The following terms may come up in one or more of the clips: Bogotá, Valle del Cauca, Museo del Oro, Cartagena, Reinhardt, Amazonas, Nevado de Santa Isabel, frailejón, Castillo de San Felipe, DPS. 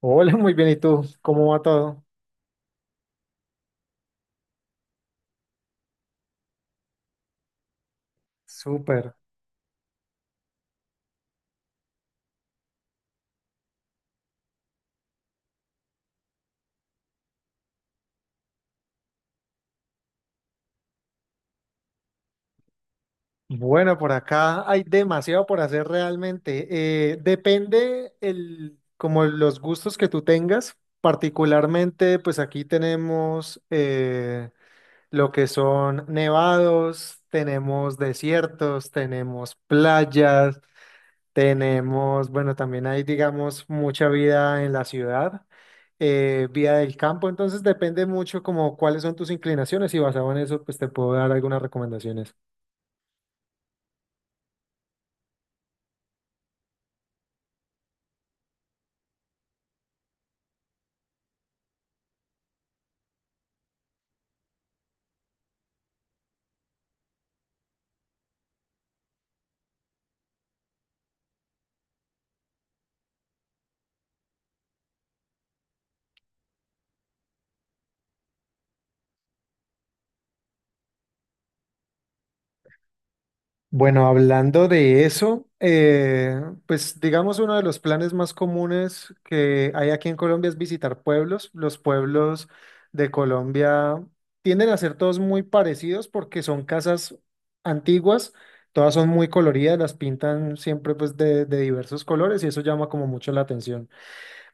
Hola, muy bien. ¿Y tú? ¿Cómo va todo? Súper. Bueno, por acá hay demasiado por hacer realmente. Depende como los gustos que tú tengas. Particularmente, pues aquí tenemos lo que son nevados, tenemos desiertos, tenemos playas. Tenemos, bueno, también hay, digamos, mucha vida en la ciudad, vida del campo, entonces depende mucho como cuáles son tus inclinaciones y basado en eso, pues te puedo dar algunas recomendaciones. Bueno, hablando de eso, pues digamos uno de los planes más comunes que hay aquí en Colombia es visitar pueblos. Los pueblos de Colombia tienden a ser todos muy parecidos porque son casas antiguas, todas son muy coloridas, las pintan siempre pues de diversos colores y eso llama como mucho la atención.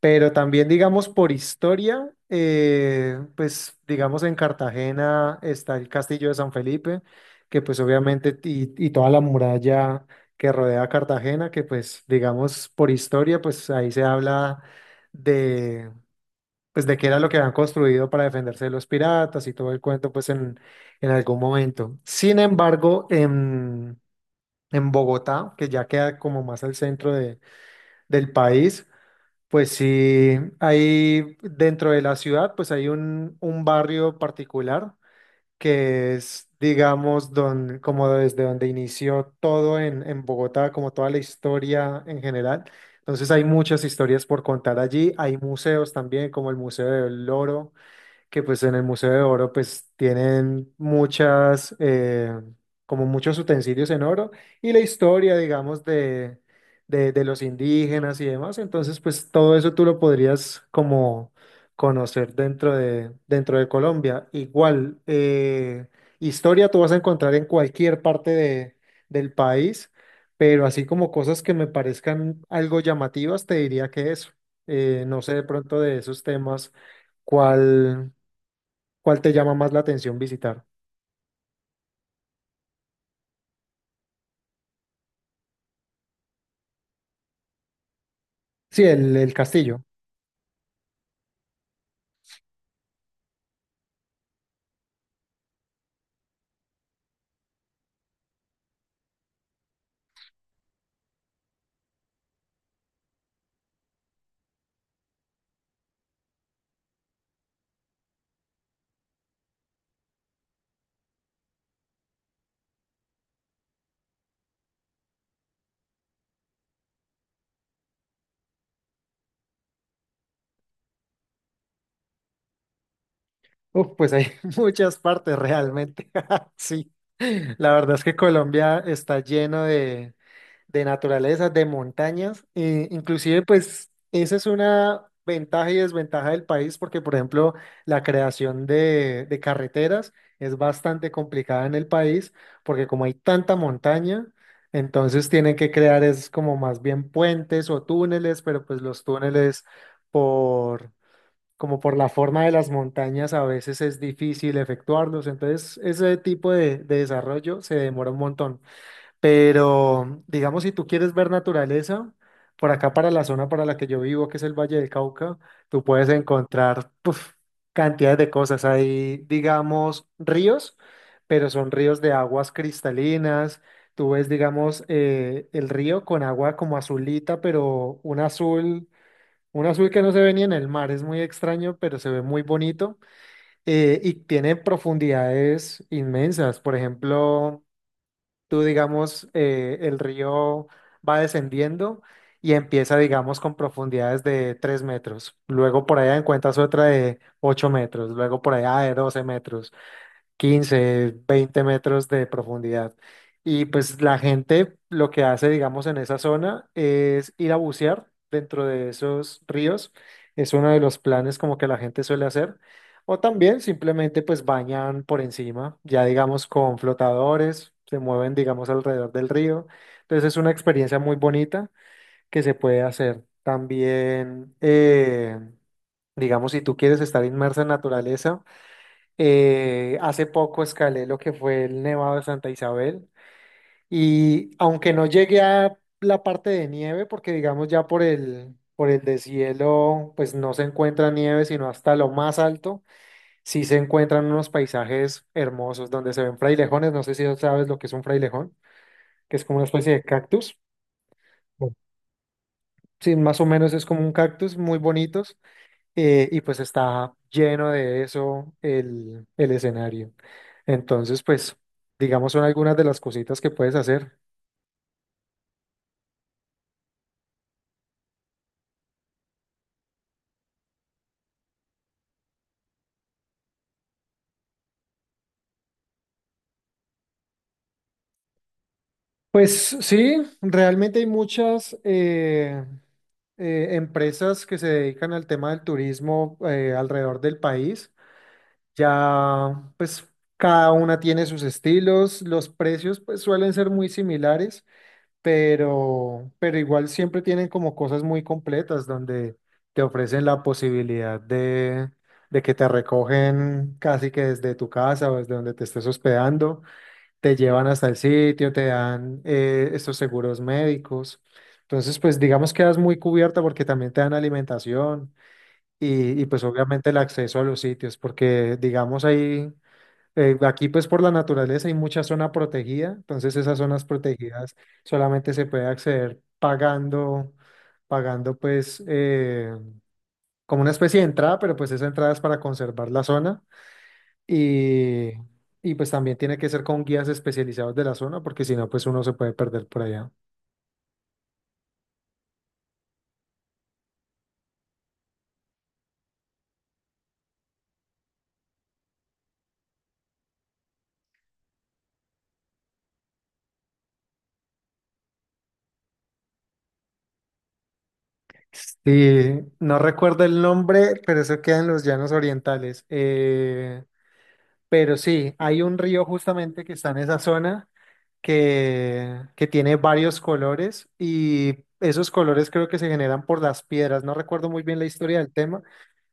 Pero también, digamos, por historia, pues, digamos, en Cartagena está el Castillo de San Felipe, que pues obviamente, y toda la muralla que rodea a Cartagena, que pues, digamos, por historia, pues ahí se habla de, pues, de qué era lo que habían construido para defenderse de los piratas y todo el cuento, pues, en algún momento. Sin embargo, en Bogotá, que ya queda como más al centro del país, pues sí, hay dentro de la ciudad, pues hay un barrio particular que es, digamos, don, como desde donde inició todo en Bogotá, como toda la historia en general. Entonces hay muchas historias por contar allí. Hay museos también, como el Museo del Oro que pues en el Museo de Oro pues tienen muchas, como muchos utensilios en oro y la historia, digamos, de los indígenas y demás. Entonces, pues todo eso tú lo podrías como conocer dentro de Colombia. Igual, historia tú vas a encontrar en cualquier parte del país, pero así como cosas que me parezcan algo llamativas, te diría que eso. No sé de pronto de esos temas. ¿Cuál? ¿Cuál te llama más la atención visitar? Sí, el castillo. Uf, pues hay muchas partes realmente. Sí, la verdad es que Colombia está lleno de naturaleza, de montañas. Inclusive, pues, esa es una ventaja y desventaja del país porque, por ejemplo, la creación de carreteras es bastante complicada en el país porque como hay tanta montaña, entonces tienen que crear es como más bien puentes o túneles, pero pues los túneles por... como por la forma de las montañas a veces es difícil efectuarlos, entonces ese tipo de desarrollo se demora un montón. Pero, digamos, si tú quieres ver naturaleza, por acá para la zona para la que yo vivo, que es el Valle del Cauca, tú puedes encontrar puf, cantidades de cosas. Hay, digamos, ríos, pero son ríos de aguas cristalinas. Tú ves, digamos, el río con agua como azulita, pero un azul que no se ve ni en el mar. Es muy extraño, pero se ve muy bonito. Y tiene profundidades inmensas. Por ejemplo tú, digamos, el río va descendiendo y empieza, digamos, con profundidades de 3 metros. Luego por allá encuentras otra de 8 metros, luego por allá de 12 metros, 15 20 metros de profundidad. Y pues la gente lo que hace, digamos, en esa zona es ir a bucear dentro de esos ríos. Es uno de los planes como que la gente suele hacer. O también simplemente pues bañan por encima, ya digamos con flotadores, se mueven digamos alrededor del río. Entonces es una experiencia muy bonita que se puede hacer. También, digamos, si tú quieres estar inmersa en naturaleza, hace poco escalé lo que fue el Nevado de Santa Isabel y aunque no llegué a la parte de nieve, porque digamos ya por por el deshielo, pues no se encuentra nieve, sino hasta lo más alto, sí se encuentran unos paisajes hermosos donde se ven frailejones, no sé si sabes lo que es un frailejón, que es como una especie de cactus. Bueno. Sí, más o menos es como un cactus, muy bonitos. Y pues está lleno de eso el escenario. Entonces, pues, digamos, son algunas de las cositas que puedes hacer. Pues sí, realmente hay muchas empresas que se dedican al tema del turismo alrededor del país. Ya, pues, cada una tiene sus estilos, los precios, pues, suelen ser muy similares. Pero igual siempre tienen como cosas muy completas donde te ofrecen la posibilidad de que te recogen casi que desde tu casa o desde donde te estés hospedando, te llevan hasta el sitio, te dan estos seguros médicos. Entonces, pues digamos que quedas muy cubierta porque también te dan alimentación y pues obviamente el acceso a los sitios, porque digamos ahí aquí pues por la naturaleza hay mucha zona protegida, entonces esas zonas protegidas solamente se puede acceder pagando, pagando pues como una especie de entrada, pero pues esa entrada es para conservar la zona y, y pues también tiene que ser con guías especializados de la zona porque si no pues uno se puede perder por allá. Sí, no recuerdo el nombre, pero eso queda en los llanos orientales. Pero sí, hay un río justamente que está en esa zona que tiene varios colores y esos colores creo que se generan por las piedras. No recuerdo muy bien la historia del tema,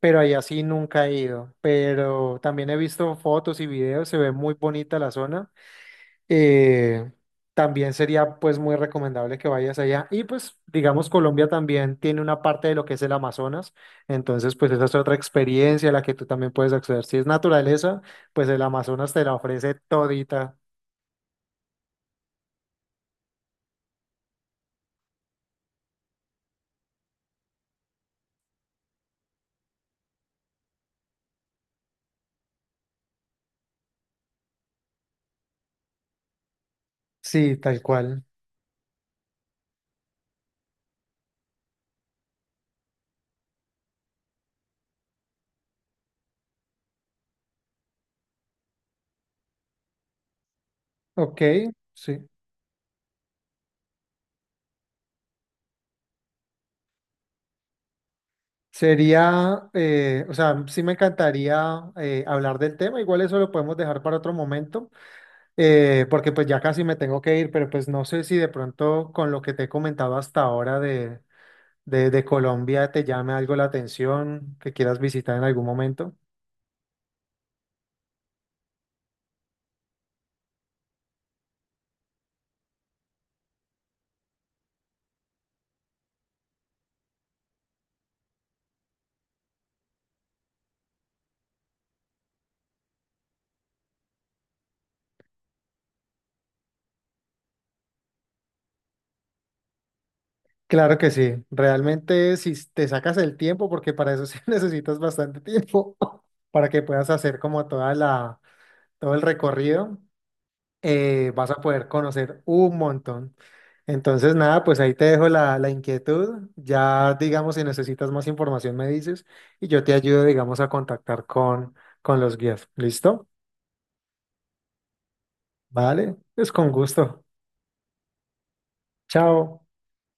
pero allá sí nunca he ido. Pero también he visto fotos y videos, se ve muy bonita la zona eh, también sería pues muy recomendable que vayas allá. Y pues digamos Colombia también tiene una parte de lo que es el Amazonas, entonces pues esa es otra experiencia a la que tú también puedes acceder. Si es naturaleza, pues el Amazonas te la ofrece todita. Sí, tal cual. Ok, sí. Sería, o sea, sí me encantaría hablar del tema, igual eso lo podemos dejar para otro momento, porque pues ya casi me tengo que ir, pero pues no sé si de pronto con lo que te he comentado hasta ahora de Colombia te llame algo la atención, ¿que quieras visitar en algún momento? Claro que sí, realmente si te sacas el tiempo, porque para eso sí necesitas bastante tiempo, para que puedas hacer como toda la, todo el recorrido, vas a poder conocer un montón. Entonces, nada, pues ahí te dejo la, la inquietud. Ya, digamos, si necesitas más información, me dices y yo te ayudo, digamos, a contactar con los guías. ¿Listo? Vale, pues con gusto. Chao.